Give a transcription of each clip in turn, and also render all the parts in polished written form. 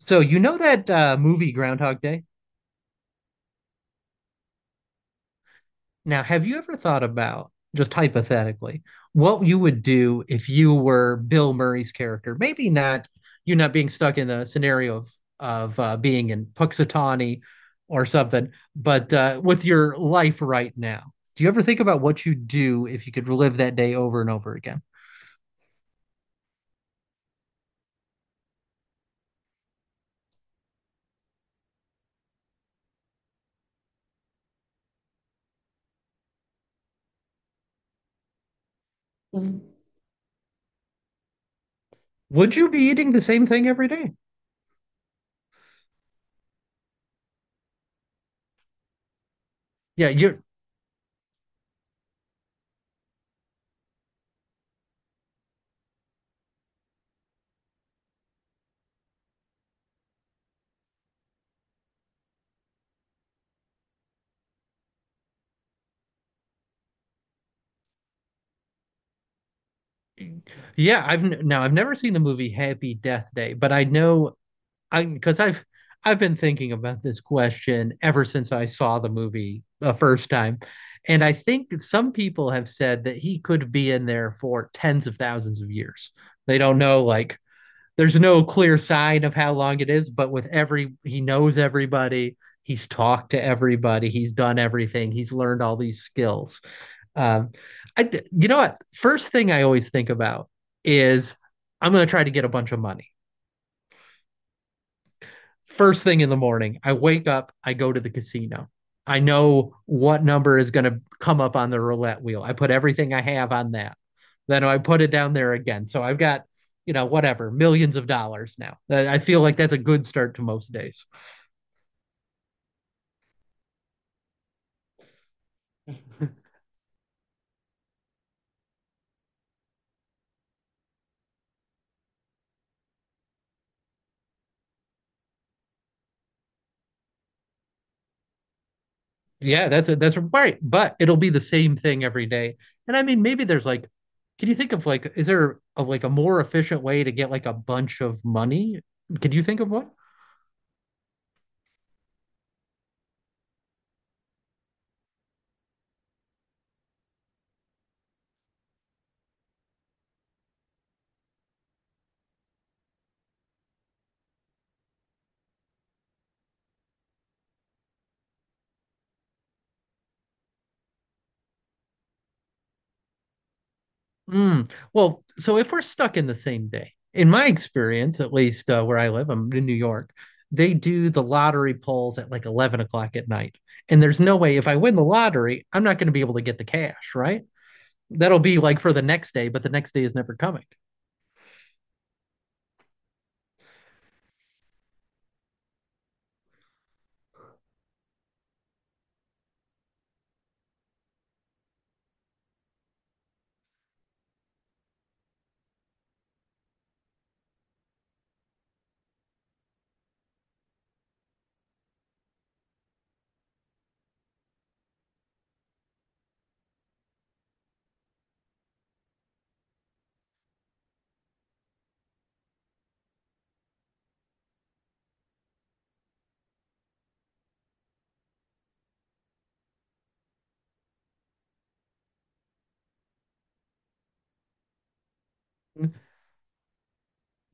So you know that movie Groundhog Day? Now, have you ever thought about, just hypothetically, what you would do if you were Bill Murray's character? Maybe not you not being stuck in a scenario of being in Puxatawny or something, but with your life right now. Do you ever think about what you'd do if you could relive that day over and over again? Mm. Would you be eating the same thing every day? Yeah, you're. Yeah, now I've never seen the movie Happy Death Day, but I know I because I've been thinking about this question ever since I saw the movie the first time. And I think some people have said that he could be in there for tens of thousands of years. They don't know, like, there's no clear sign of how long it is, but with every, he knows everybody. He's talked to everybody. He's done everything. He's learned all these skills. Um, I, you know what? First thing I always think about is I'm going to try to get a bunch of money. First thing in the morning, I wake up, I go to the casino. I know what number is going to come up on the roulette wheel. I put everything I have on that. Then I put it down there again. So I've got, you know, whatever, millions of dollars now. I feel like that's a good start to most days. Yeah, that's it. That's right. But it'll be the same thing every day. And I mean, maybe there's like, can you think of like, is there a, like a more efficient way to get like a bunch of money? Can you think of one? Mm. Well, so if we're stuck in the same day, in my experience, at least where I live, I'm in New York, they do the lottery polls at like 11 o'clock at night. And there's no way if I win the lottery, I'm not going to be able to get the cash, right? That'll be like for the next day, but the next day is never coming.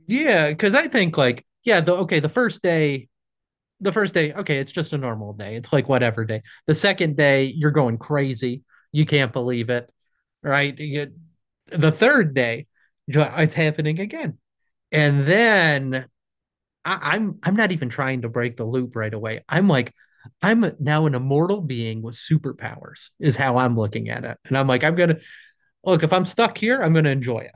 Yeah, because I think like, yeah, the okay, the first day, okay, it's just a normal day. It's like whatever day. The second day, you're going crazy. You can't believe it, right? You, the third day, it's happening again. And then I, I'm not even trying to break the loop right away. I'm like, I'm now an immortal being with superpowers, is how I'm looking at it. And I'm like, I'm gonna look, if I'm stuck here, I'm gonna enjoy it.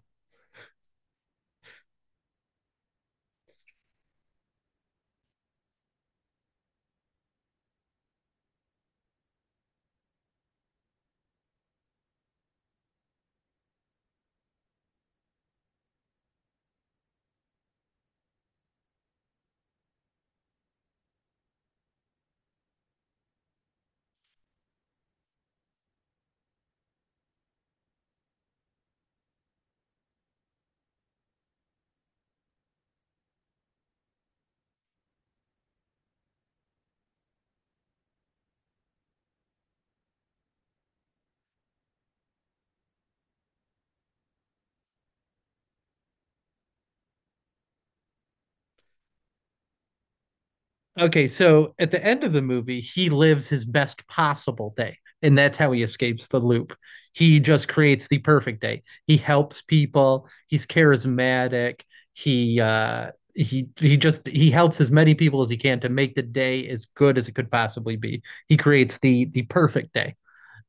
Okay, so at the end of the movie, he lives his best possible day, and that's how he escapes the loop. He just creates the perfect day. He helps people. He's charismatic. He just he helps as many people as he can to make the day as good as it could possibly be. He creates the perfect day,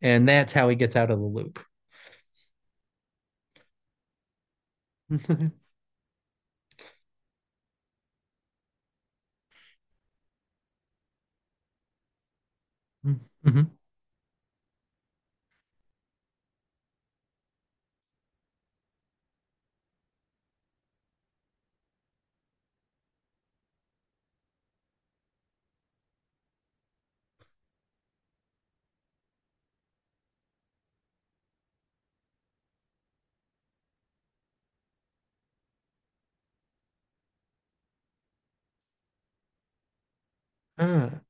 and that's how he gets out of the loop. Mhm. Ah.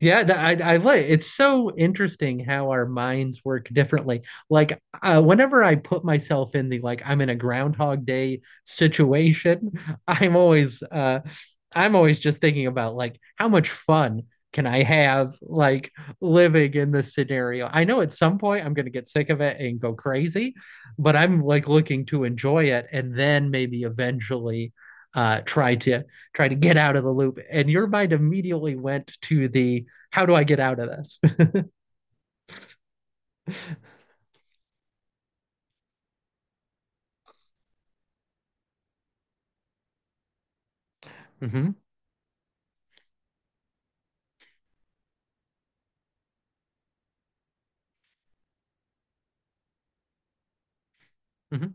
Yeah, I like it's so interesting how our minds work differently. Like whenever I put myself in the like I'm in a Groundhog Day situation, I'm always uh, I'm always just thinking about like how much fun can I have like living in this scenario. I know at some point I'm gonna get sick of it and go crazy, but I'm like looking to enjoy it and then maybe eventually uh, try to try to get out of the loop. And your mind immediately went to the how do I get out of this? Mm-hmm. Mm-hmm.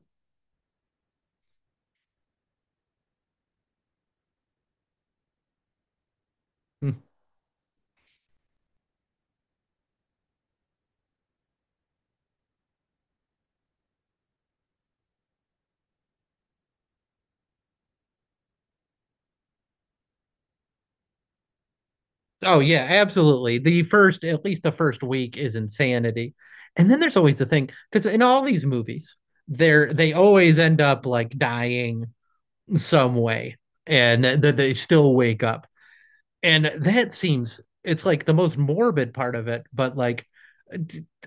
Oh yeah, absolutely. The first, at least the first week, is insanity, and then there's always the thing because in all these movies, they always end up like dying some way, and they still wake up. And that seems it's like the most morbid part of it, but like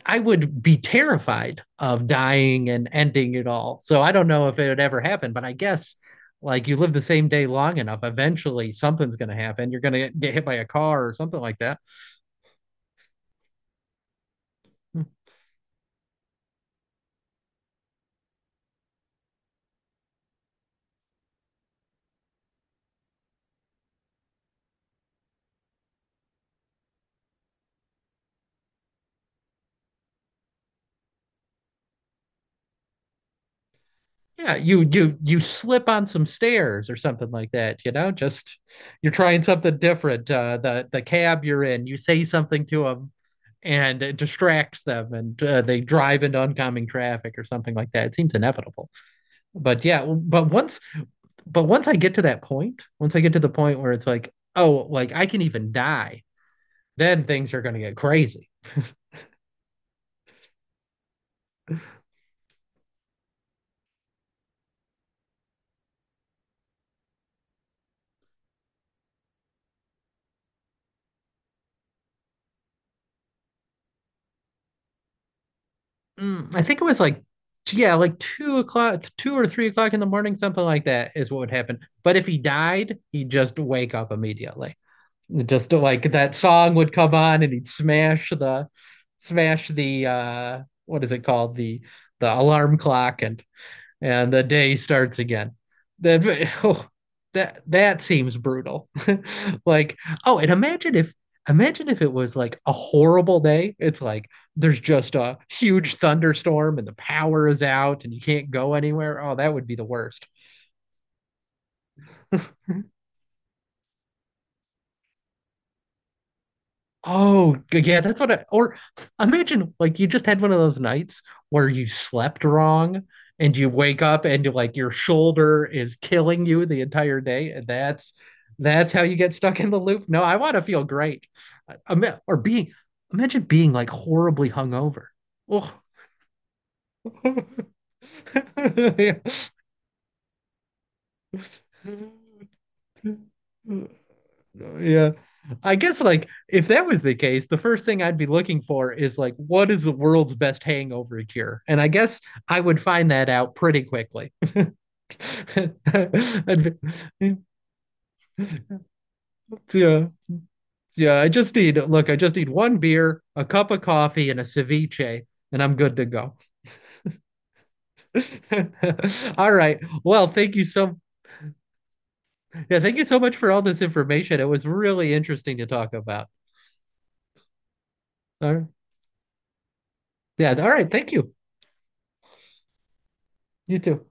I would be terrified of dying and ending it all. So I don't know if it would ever happen, but I guess like you live the same day long enough, eventually something's going to happen. You're going to get hit by a car or something like that. Yeah, you slip on some stairs or something like that, you know, just you're trying something different. The cab you're in, you say something to them and it distracts them and they drive into oncoming traffic or something like that. It seems inevitable. But yeah, but once I get to that point, once I get to the point where it's like, oh, like I can even die, then things are going to get crazy. Mm, I think it was like, yeah, like 2 o'clock, 2 or 3 o'clock in the morning, something like that is what would happen. But if he died, he'd just wake up immediately. Just like that song would come on and he'd smash the, what is it called? The alarm clock and the day starts again. That oh, that that seems brutal. like oh, and imagine if it was like a horrible day. It's like there's just a huge thunderstorm and the power is out and you can't go anywhere. Oh, that would be the worst. Oh, yeah, that's what I, or imagine like you just had one of those nights where you slept wrong and you wake up and you like your shoulder is killing you the entire day, and that's how you get stuck in the loop. No, I want to feel great. I or being imagine being like horribly hungover. Oh. Yeah. Yeah. I guess like if that was the case, the first thing I'd be looking for is like what is the world's best hangover cure? And I guess I would find that out pretty quickly. I'd be- yeah. Yeah, I just I just need one beer, a cup of coffee, and a ceviche, and I'm good to go. All right. Well, thank you so yeah, thank you so much for all this information. It was really interesting to talk about. All right. Yeah, all right, thank you. You too.